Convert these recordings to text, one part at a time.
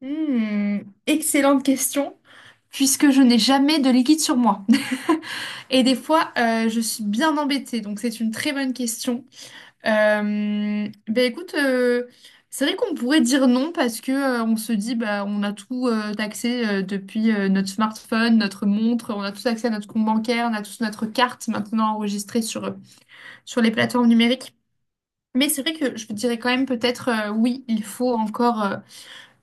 Hmm, excellente question, puisque je n'ai jamais de liquide sur moi. Et des fois, je suis bien embêtée, donc c'est une très bonne question. Ben écoute, c'est vrai qu'on pourrait dire non parce que on se dit bah on a tout accès depuis notre smartphone, notre montre, on a tous accès à notre compte bancaire, on a tous notre carte maintenant enregistrée sur les plateformes numériques. Mais c'est vrai que je dirais quand même peut-être oui, il faut encore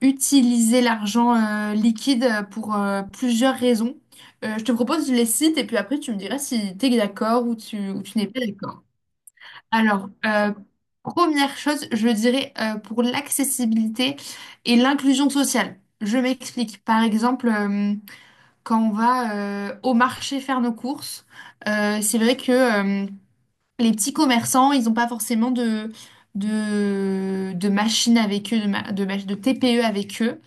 utiliser l'argent liquide pour plusieurs raisons. Je te propose, je les cite et puis après tu me diras si tu es d'accord ou tu n'es pas d'accord. Alors, première chose, je dirais pour l'accessibilité et l'inclusion sociale. Je m'explique. Par exemple, quand on va au marché faire nos courses, c'est vrai que les petits commerçants, ils n'ont pas forcément de machines avec eux, de, ma- de, mach- de TPE avec eux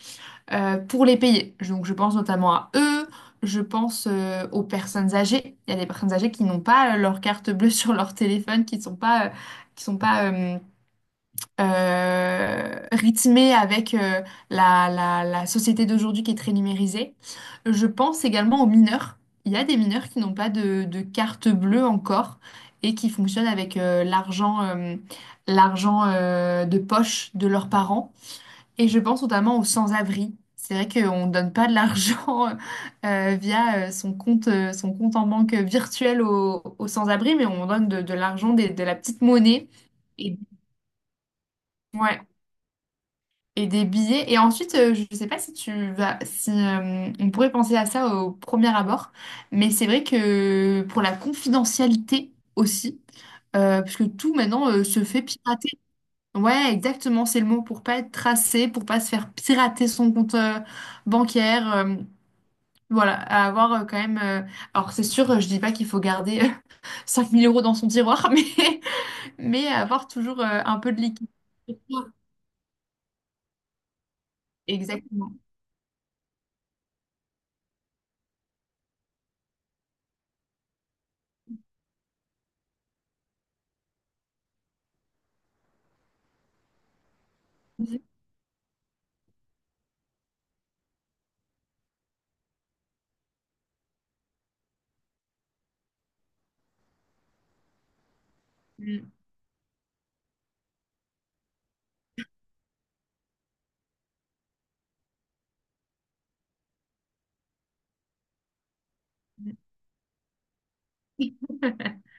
pour les payer. Donc je pense notamment à eux, je pense aux personnes âgées. Il y a des personnes âgées qui n'ont pas leur carte bleue sur leur téléphone, qui sont pas rythmées avec la société d'aujourd'hui qui est très numérisée. Je pense également aux mineurs. Il y a des mineurs qui n'ont pas de carte bleue encore et qui fonctionnent avec l'argent de poche de leurs parents. Et je pense notamment aux sans-abri. C'est vrai qu'on ne donne pas de l'argent via son compte en banque virtuel aux sans-abri, mais on donne de l'argent, de la petite monnaie. Et, ouais, et des billets. Et ensuite, je ne sais pas si tu vas, si on pourrait penser à ça au premier abord, mais c'est vrai que pour la confidentialité aussi, puisque tout maintenant se fait pirater. Ouais, exactement, c'est le mot pour pas être tracé, pour pas se faire pirater son compte bancaire. Voilà, à avoir quand même. Alors, c'est sûr, je dis pas qu'il faut garder 5 000 € dans son tiroir, mais avoir toujours un peu de liquide. Exactement. Mhm. Mhm.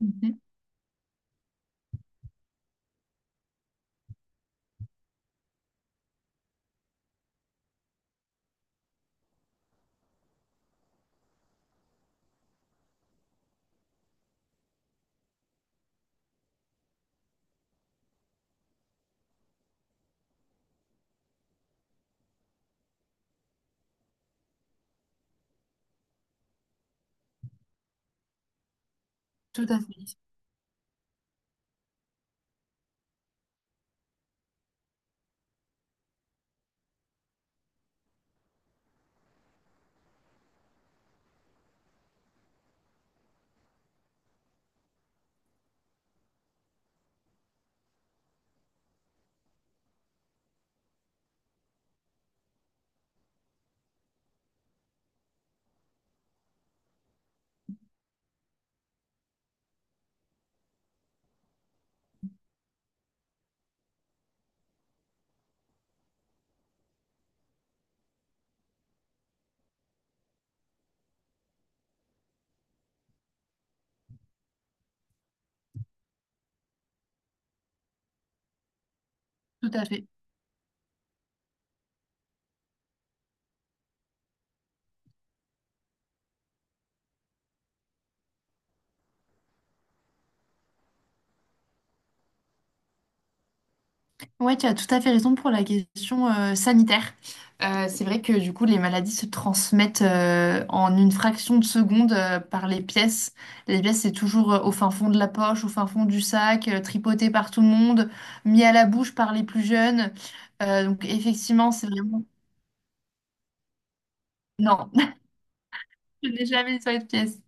Mhm. Tout à fait, tout à fait. Ouais, tu as tout à fait raison pour la question sanitaire. C'est vrai que du coup, les maladies se transmettent en une fraction de seconde par les pièces. Les pièces, c'est toujours au fin fond de la poche, au fin fond du sac, tripoté par tout le monde, mis à la bouche par les plus jeunes. Donc effectivement, c'est vraiment. Non, je n'ai jamais nettoyé de pièce.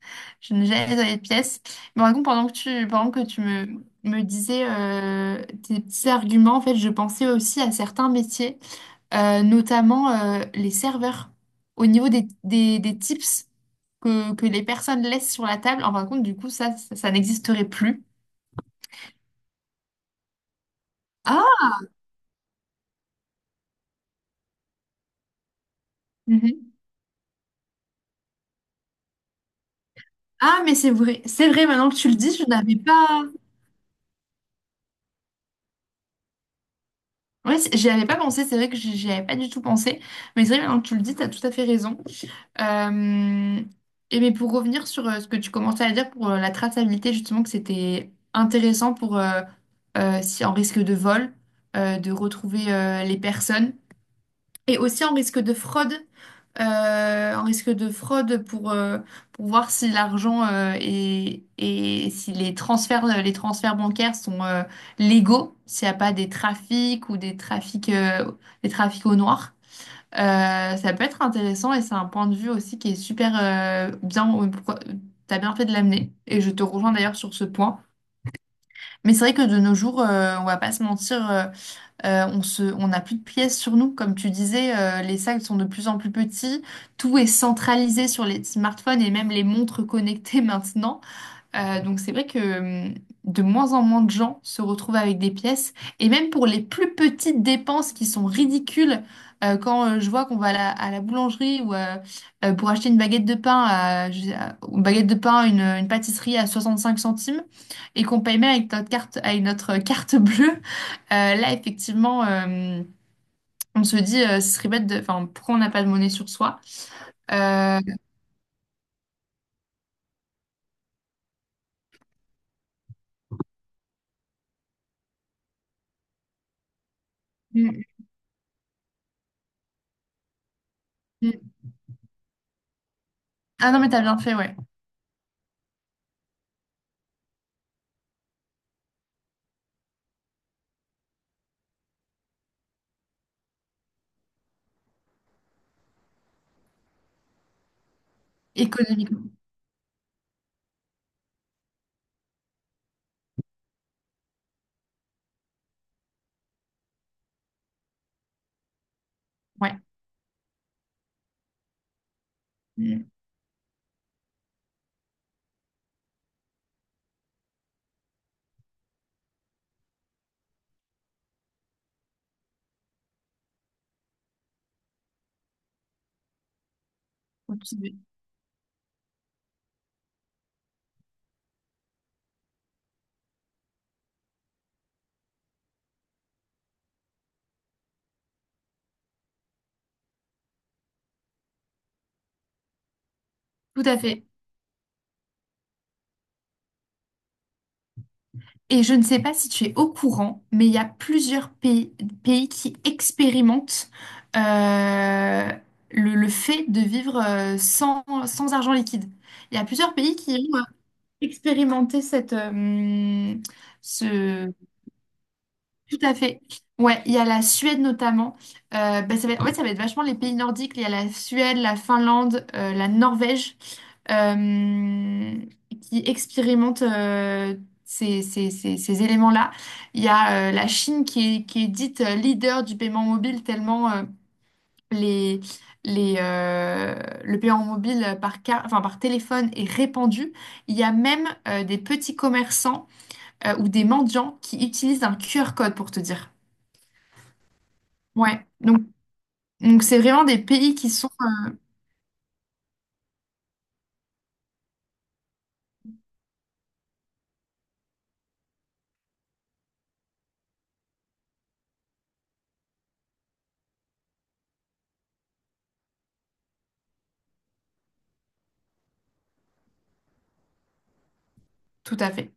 Je n'ai jamais nettoyé de pièce. Mais par contre, pendant que tu me disais tes petits arguments, en fait, je pensais aussi à certains métiers, notamment les serveurs. Au niveau des tips que les personnes laissent sur la table, en fin de compte, du coup, ça n'existerait plus. Ah. Mhm. Ah, mais c'est vrai. C'est vrai, maintenant que tu le dis, je n'avais pas. Ouais, j'y avais pas pensé. C'est vrai que j'y avais pas du tout pensé. Mais c'est vrai, maintenant que tu le dis, tu as tout à fait raison. Euh, et mais pour revenir sur ce que tu commençais à dire pour la traçabilité, justement, que c'était intéressant pour si en risque de vol, de retrouver les personnes, et aussi en risque de fraude, euh, en risque de fraude pour, euh, pour voir si l'argent est- et si les transferts bancaires sont légaux, s'il n'y a pas des trafics au noir. Ça peut être intéressant et c'est un point de vue aussi qui est super bien. T'as bien fait de l'amener et je te rejoins d'ailleurs sur ce point. Mais c'est vrai que de nos jours, on va pas se mentir, on n'a plus de pièces sur nous. Comme tu disais, les sacs sont de plus en plus petits. Tout est centralisé sur les smartphones et même les montres connectées maintenant. Donc c'est vrai que hum, de moins en moins de gens se retrouvent avec des pièces. Et même pour les plus petites dépenses qui sont ridicules, quand je vois qu'on va à la boulangerie ou pour acheter une baguette de pain, à, je sais- à- une baguette de pain, une pâtisserie à 65 centimes, et qu'on paye même avec notre carte, avec notre carte bleue, là effectivement, on se dit, ce serait bête de. Enfin, pourquoi on n'a pas de monnaie sur soi? Euh, hum, hum. Ah non, mais t'as bien fait, ouais. Économiquement, ouais. Hum. Tout à fait. Et je ne sais pas si tu es au courant, mais il y a plusieurs pays qui expérimentent euh, le fait de vivre sans argent liquide. Il y a plusieurs pays qui ont expérimenté ce. Tout à fait. Ouais, il y a la Suède notamment. Bah, en fait, ça va être vachement les pays nordiques. Il y a la Suède, la Finlande, la Norvège. euh, qui expérimentent ces éléments-là. Il y a la Chine qui est dite leader du paiement mobile tellement les, les, euh, le paiement mobile enfin, par téléphone est répandu. Il y a même des petits commerçants ou des mendiants qui utilisent un QR code pour te dire. Ouais, donc c'est vraiment des pays qui sont. Tout à fait.